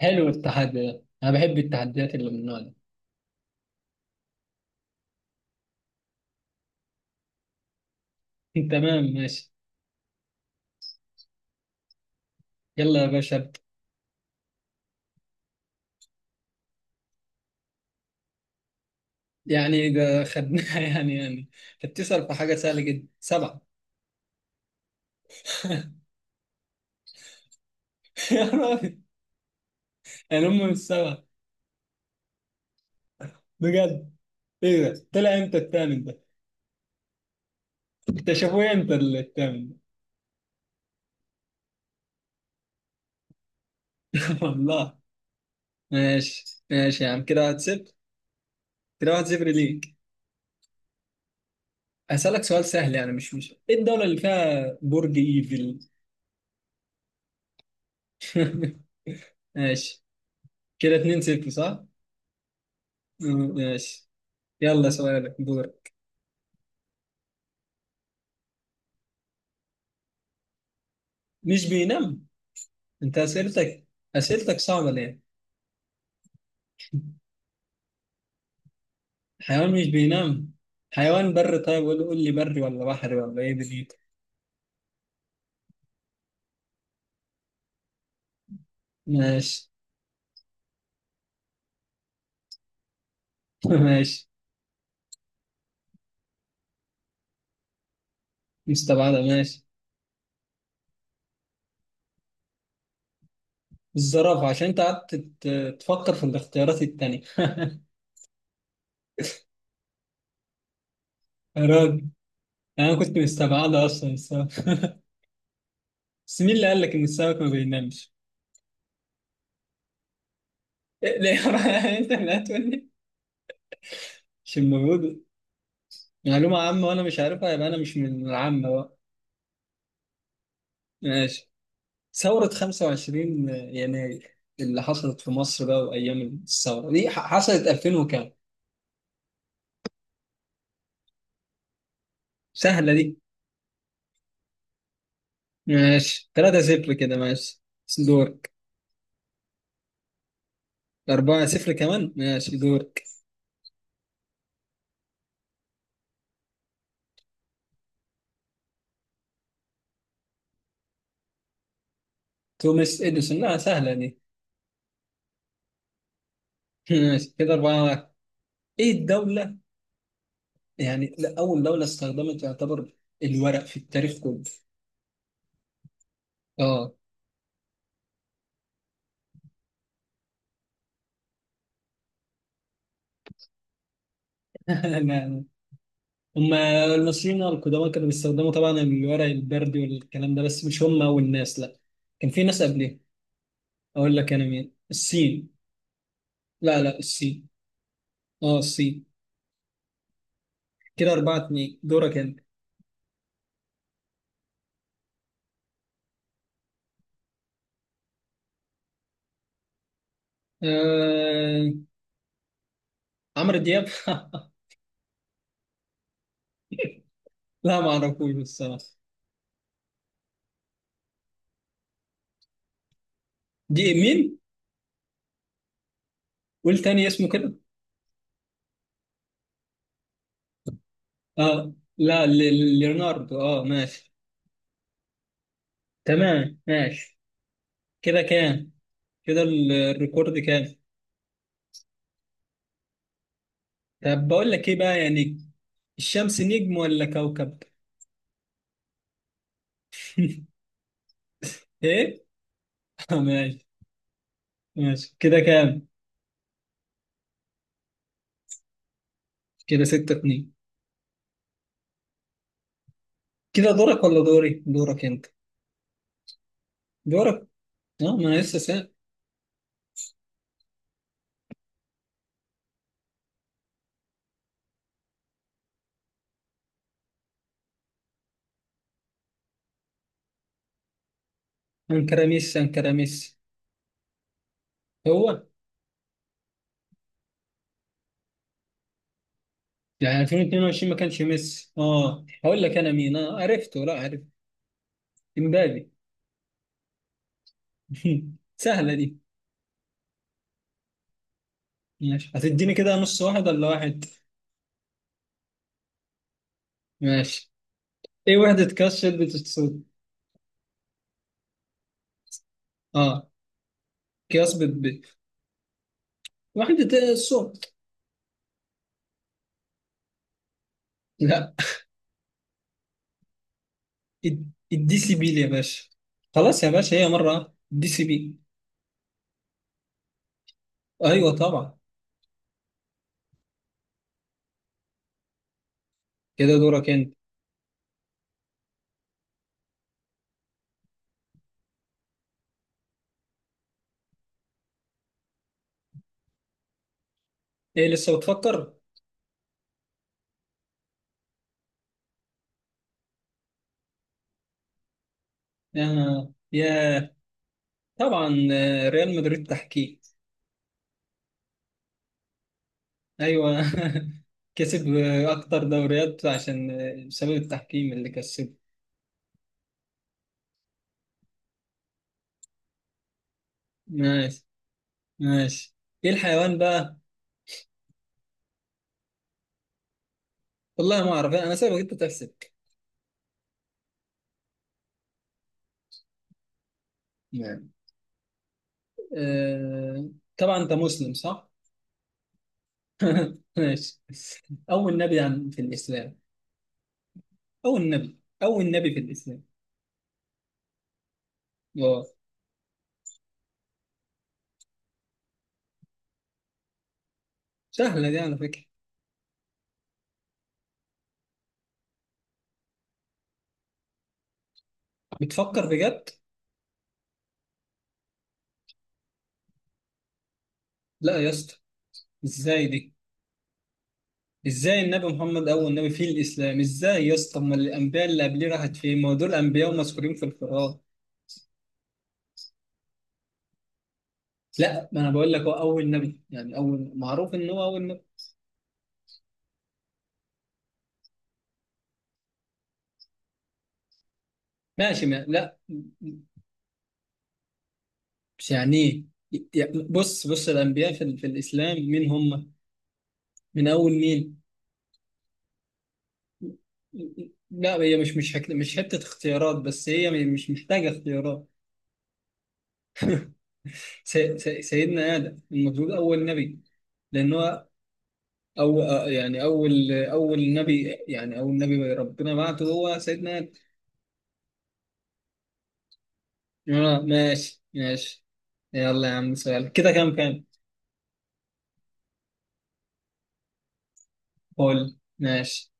حلو التحدي ده، انا بحب التحديات اللي من النوع ده. تمام، ماشي. يلا يا باشا ابدأ. ده خدناها. انت بتسأل في حاجة سهلة جدا. سبعة. يا راجل. يعني هم مش سبعة؟ بجد؟ ايه ده، طلع امتى التامن ده؟ اكتشفوه امتى التامن ده؟ والله. ماشي ماشي يا عم، كده واحد صفر. كده واحد صفر ليك. هسألك سؤال سهل، يعني مش ايه، الدولة اللي فيها برج ايفل؟ ماشي، كده اتنين صفر صح؟ مم، ماشي. يلا سؤالك دور. مش بينام؟ انت اسئلتك صعبة ليه؟ حيوان مش بينام. حيوان بري؟ طيب قول قول لي، بري ولا بحري ولا ايه دنيتك؟ ماشي. ماشي. مستبعدة. ماشي. الزرافة، عشان انت قعدت تفكر في الاختيارات التانية. يا راجل، انا كنت مستبعدة اصلا السمك. بس مين اللي قال لك ان السمك ما بينامش؟ إيه، ليه؟ انت اللي هتقول لي؟ مش المفروض؟ معلومة عامة وانا مش عارفها، يبقى انا مش من العامة بقى. ماشي. ثورة 25 يناير اللي حصلت في مصر بقى، وأيام الثورة دي حصلت 2000 وكام؟ سهلة دي. ماشي، 3-0 كده، ماشي دورك. 4-0 كمان، ماشي دورك. توماس إديسون. لا سهلة دي. ماشي كده 4-1. إيه الدولة، يعني لا، أول دولة استخدمت يعتبر الورق في التاريخ كله؟ آه. لا، لا. هم المصريين القدماء كانوا بيستخدموا طبعا الورق البردي والكلام ده، بس مش هم أول ناس لا. كان في ناس قبلهم. اقول لك انا، مين؟ السين. لا لا، السين. اه السين. كده اربعة اتنين، دورك انت. آه... عمرو دياب. لا ما اعرفوش الصراحة. دي مين؟ قول تاني اسمه كده. اه لا، ليوناردو، اه ماشي. تمام ماشي. كده كام؟ كده الريكورد كام؟ طب بقول لك ايه بقى، يعني الشمس نجم ولا كوكب؟ ايه؟ آه، ماشي ماشي. كده كام؟ كده ستة اتنين. كده دورك ولا دوري؟ دورك انت. دورك، اه ما انا لسه سأل. انكر ميسي، انكر ميسي. هو، يعني 2022 ما كانش ميسي. اه هقول لك انا مين، اه عرفته، لا عرفت. امبابي. سهله دي. ماشي، هتديني كده نص واحد ولا واحد؟ ماشي. ايه وحده قياس شده الصوت؟ اه، قياس وحده الصوت. لا. الدي سي بي يا باشا. خلاص يا باشا، هي مره الدي سي بي. ايوه طبعا. كده دورك انت. ايه، لسه بتفكر؟ آه. يا طبعا، آه، ريال مدريد، تحكيم. ايوه. كسب اكتر دوريات عشان، بسبب التحكيم اللي كسبه. ماشي ماشي. ايه الحيوان بقى؟ والله ما اعرف، انا سايبك انت تحسب. نعم. آه... طبعا انت مسلم صح؟ ماشي. اول نبي في الاسلام؟ اول نبي، اول نبي في الاسلام. اه. سهله دي على فكره. بتفكر بجد؟ لا يا اسطى. ازاي دي؟ ازاي النبي محمد اول نبي في الاسلام؟ ازاي يا اسطى، ما الانبياء اللي قبليه راحت فين؟ ما هو دول انبياء ومذكورين في القران. لا ما انا بقول لك هو اول نبي، يعني اول، معروف ان هو اول نبي. ماشي، ما لا. مش يعني، ايه بص بص، الانبياء في, في الاسلام مين هم؟ من اول مين؟ لا، هي مش مش حته اختيارات، بس هي مش محتاجه اختيارات. سيدنا ادم المفروض اول نبي. لان هو، أو آه، يعني أول نبي، يعني أول نبي ربنا بعته هو سيدنا. آه، ماشي ماشي. يلا يا عم، سؤال. كده كام كام؟ قول. ماشي،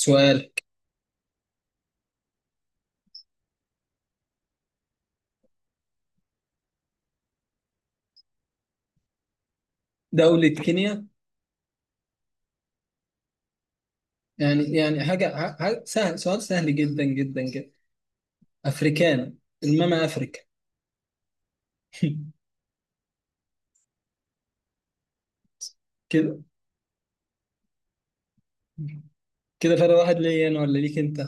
سؤال. دولة كينيا؟ يعني حاجة سهل، سؤال سهل جدا جدا جدا. أفريكان. الماما أفريكا. كده، كده فرق واحد ليا أنا ولا ليك أنت؟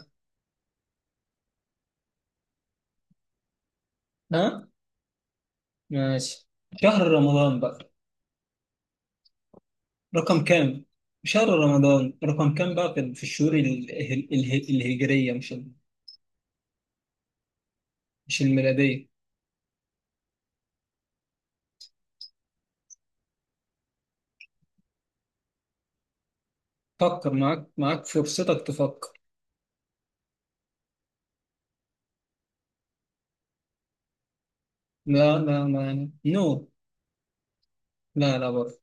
ها، ماشي. شهر رمضان بقى، رقم كام؟ شهر رمضان رقم كام بقى في الشهور الهجرية مش مش الميلادية. فكر معاك معاك، فرصتك تفكر. لا لا، ما نو. لا لا برضه.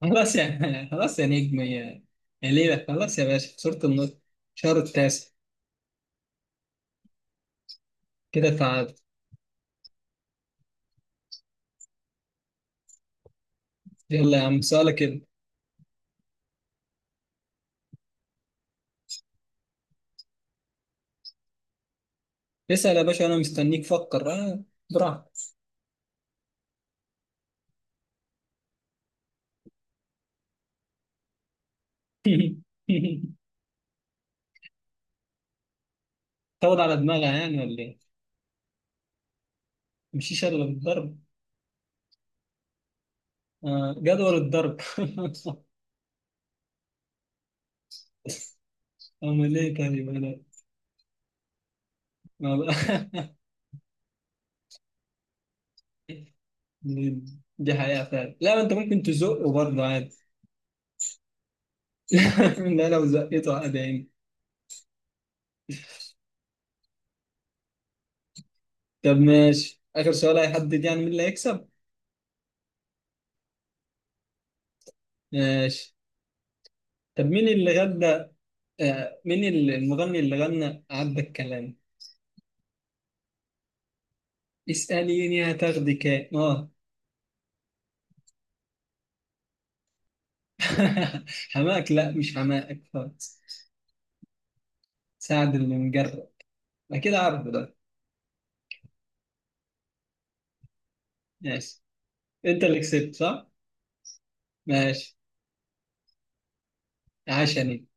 خلاص يا خلاص يا نجم، يا يا ليلى خلاص يا باشا، خسرت النص. شهر التاسع. كده تعادل. يلا يا عم سؤالك. كده اسأل يا باشا، انا مستنيك، فكر، اه، براحتك. تاخد على دماغها يعني ولا ايه؟ مشيش الا بالضرب. آه، جدول الضرب. أمال إيه طيب أنا؟ ما بقى. دي حقيقة فعلا، لا ما أنت ممكن تزقه برضه عادي. لا، لو زقته عادي يعني. طب ماشي، آخر سؤال هيحدد يعني مين اللي هيكسب. ماشي. طب، مين اللي غنى، آه، مين المغني اللي غنى عدى الكلام؟ اسأليني هتاخدك إيه؟ اه. حماك؟ لا مش حماك خالص. سعد اللي مجرب. أكيد عارفه ده. ماشي. أنت اللي كسبت صح؟ ماشي. عشاني.